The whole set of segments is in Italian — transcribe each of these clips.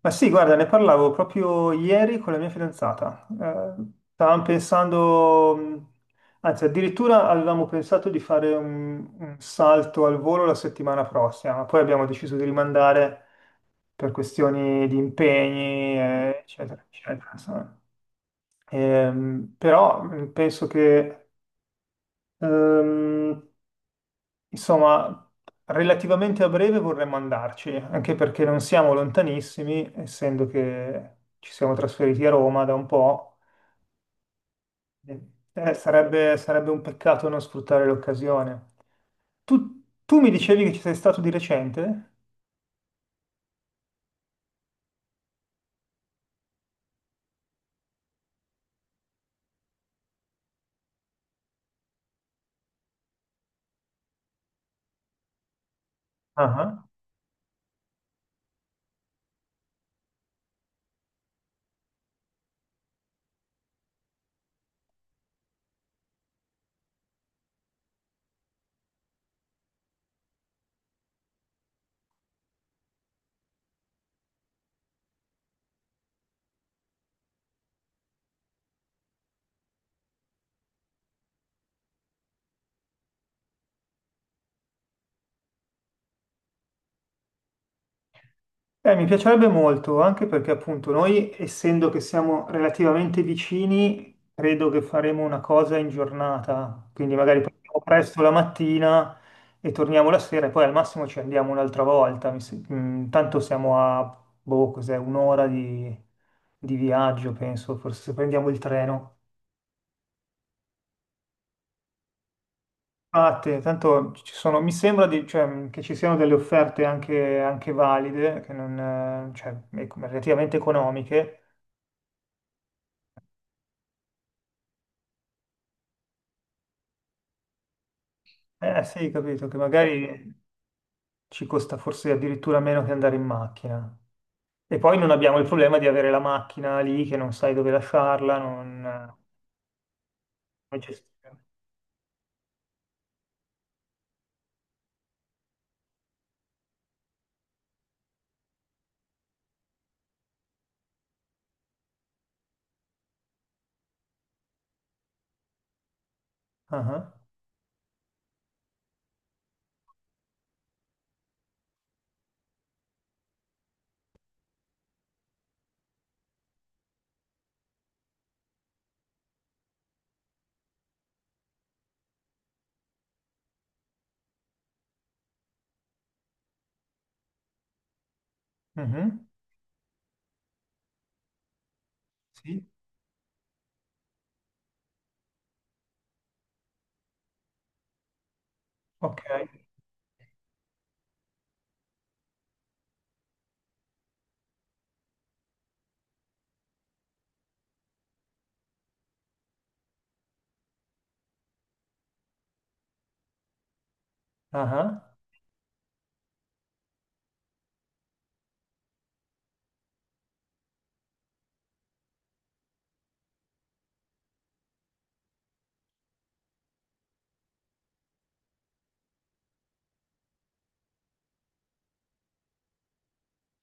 Ma sì, guarda, ne parlavo proprio ieri con la mia fidanzata. Stavamo pensando, anzi, addirittura avevamo pensato di fare un salto al volo la settimana prossima, ma poi abbiamo deciso di rimandare per questioni di impegni, eccetera, eccetera. Però penso che ehm, Insomma, relativamente a breve vorremmo andarci, anche perché non siamo lontanissimi, essendo che ci siamo trasferiti a Roma da un po'. Sarebbe un peccato non sfruttare l'occasione. Tu mi dicevi che ci sei stato di recente? Ah. Mi piacerebbe molto, anche perché appunto noi, essendo che siamo relativamente vicini, credo che faremo una cosa in giornata, quindi magari partiamo presto la mattina e torniamo la sera e poi al massimo ci andiamo un'altra volta. Mi se- mm, Tanto siamo a, boh, cos'è, un'ora di viaggio, penso, forse se prendiamo il treno. Infatti, tanto ci sono, cioè, che ci siano delle offerte anche valide, che non, cioè, e- relativamente economiche. Eh sì, capito, che magari ci costa forse addirittura meno che andare in macchina. E poi non abbiamo il problema di avere la macchina lì che non sai dove lasciarla, non gestire. Ah, ah. Mhm. Sì, ok. Ah, ah.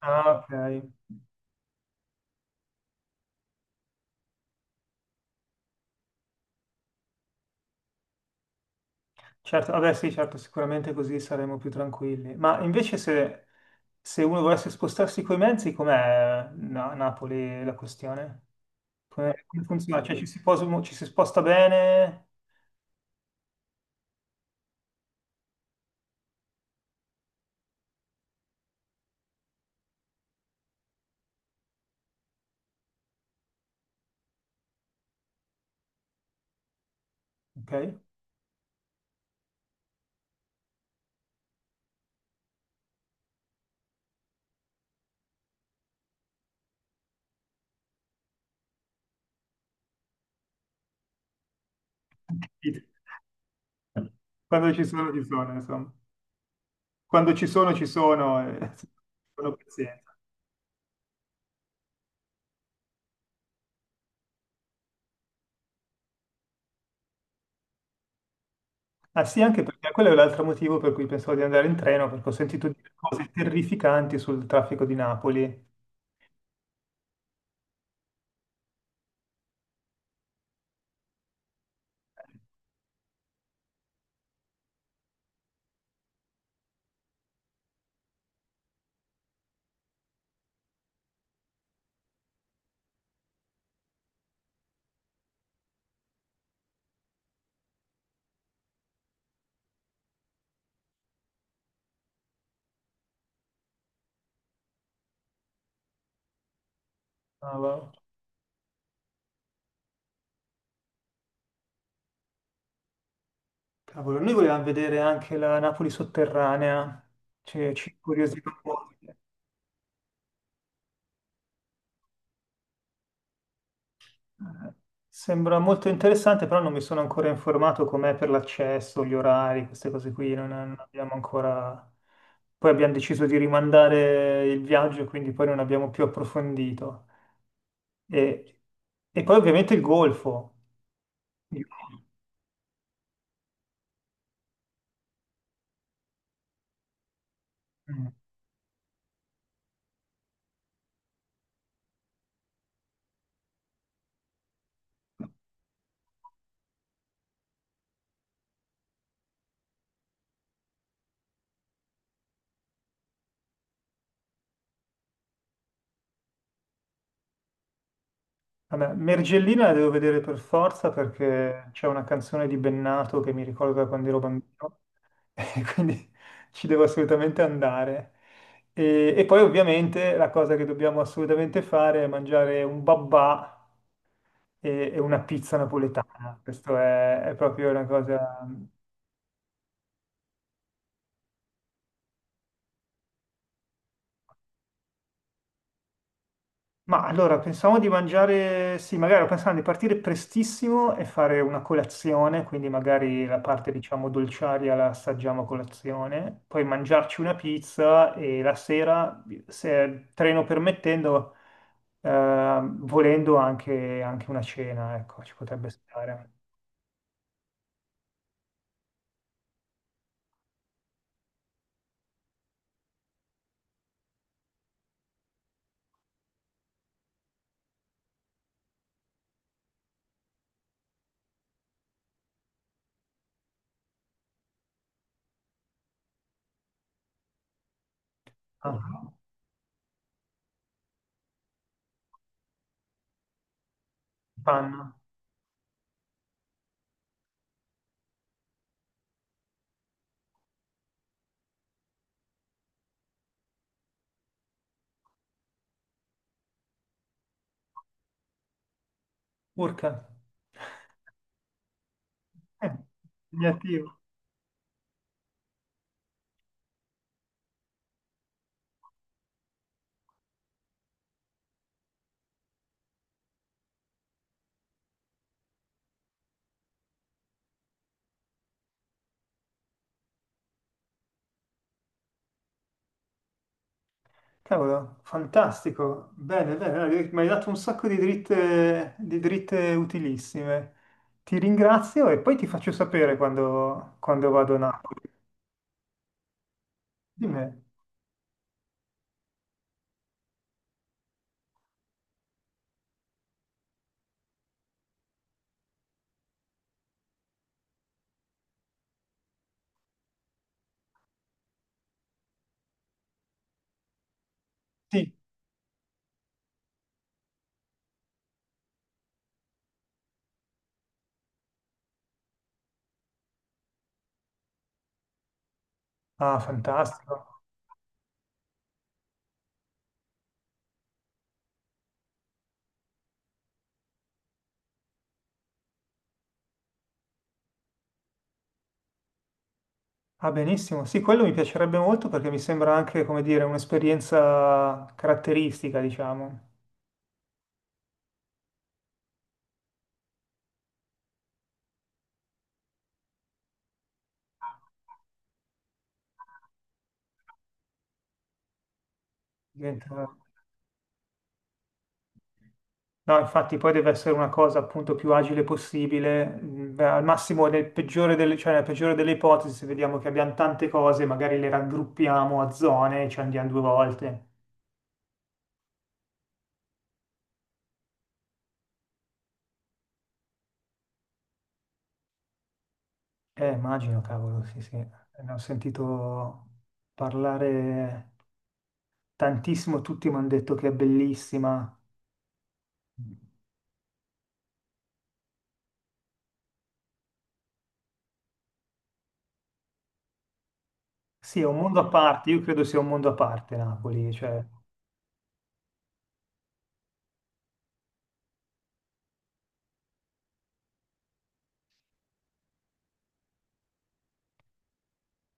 Ah, ok. Certo, vabbè sì, certo, sicuramente così saremo più tranquilli. Ma invece se uno volesse spostarsi coi mezzi, com'è a Napoli la questione? Come funziona? Ci si sposta bene? Ok. Quando ci sono, insomma. Quando ci sono, sono pazienza. Ah sì, anche perché quello è l'altro motivo per cui pensavo di andare in treno, perché ho sentito dire cose terrificanti sul traffico di Napoli. Cavolo. Cavolo, noi volevamo vedere anche la Napoli sotterranea, cioè, ci incuriosiva un po'. Eh, Sembra molto interessante, però non mi sono ancora informato com'è per l'accesso, gli orari, queste cose qui, non abbiamo ancora... Poi abbiamo deciso di rimandare il viaggio, quindi poi non abbiamo più approfondito. E, e poi ovviamente il golfo. Io. Mm. Vabbè, Mergellina la devo vedere per forza perché c'è una canzone di Bennato che mi ricorda quando ero bambino, e quindi ci devo assolutamente andare. E poi ovviamente la cosa che dobbiamo assolutamente fare è mangiare un babà e una pizza napoletana. È proprio una cosa... Ma allora pensavo di mangiare, sì, magari ho pensato di partire prestissimo e fare una colazione, quindi magari la parte diciamo dolciaria la assaggiamo a colazione, poi mangiarci una pizza e la sera, se treno permettendo, anche una cena, ecco, ci potrebbe stare. Ah, panna, urca, eh, impegnativo. Cavolo, fantastico. Bene, bene, dai, mi hai dato un sacco di dritte utilissime. Ti ringrazio e poi ti faccio sapere quando vado a Napoli. Di me. Sì. Ah, fantastico. Ah, benissimo. Sì, quello mi piacerebbe molto perché mi sembra anche, come dire, un'esperienza caratteristica, diciamo. Diventa- No, infatti poi deve essere una cosa appunto più agile possibile, al massimo cioè nella peggiore delle ipotesi, se vediamo che abbiamo tante cose, magari le raggruppiamo a zone e ci andiamo due volte. Immagino, cavolo, sì, sì. Ne ho sentito parlare tantissimo, tutti mi hanno detto che è bellissima. Sì, è un mondo a parte, io credo sia un mondo a parte Napoli, cioè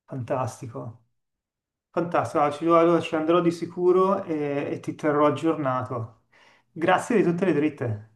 fantastico. Fantastico, allora ci andrò di sicuro e ti terrò aggiornato. Grazie di tutte le dritte.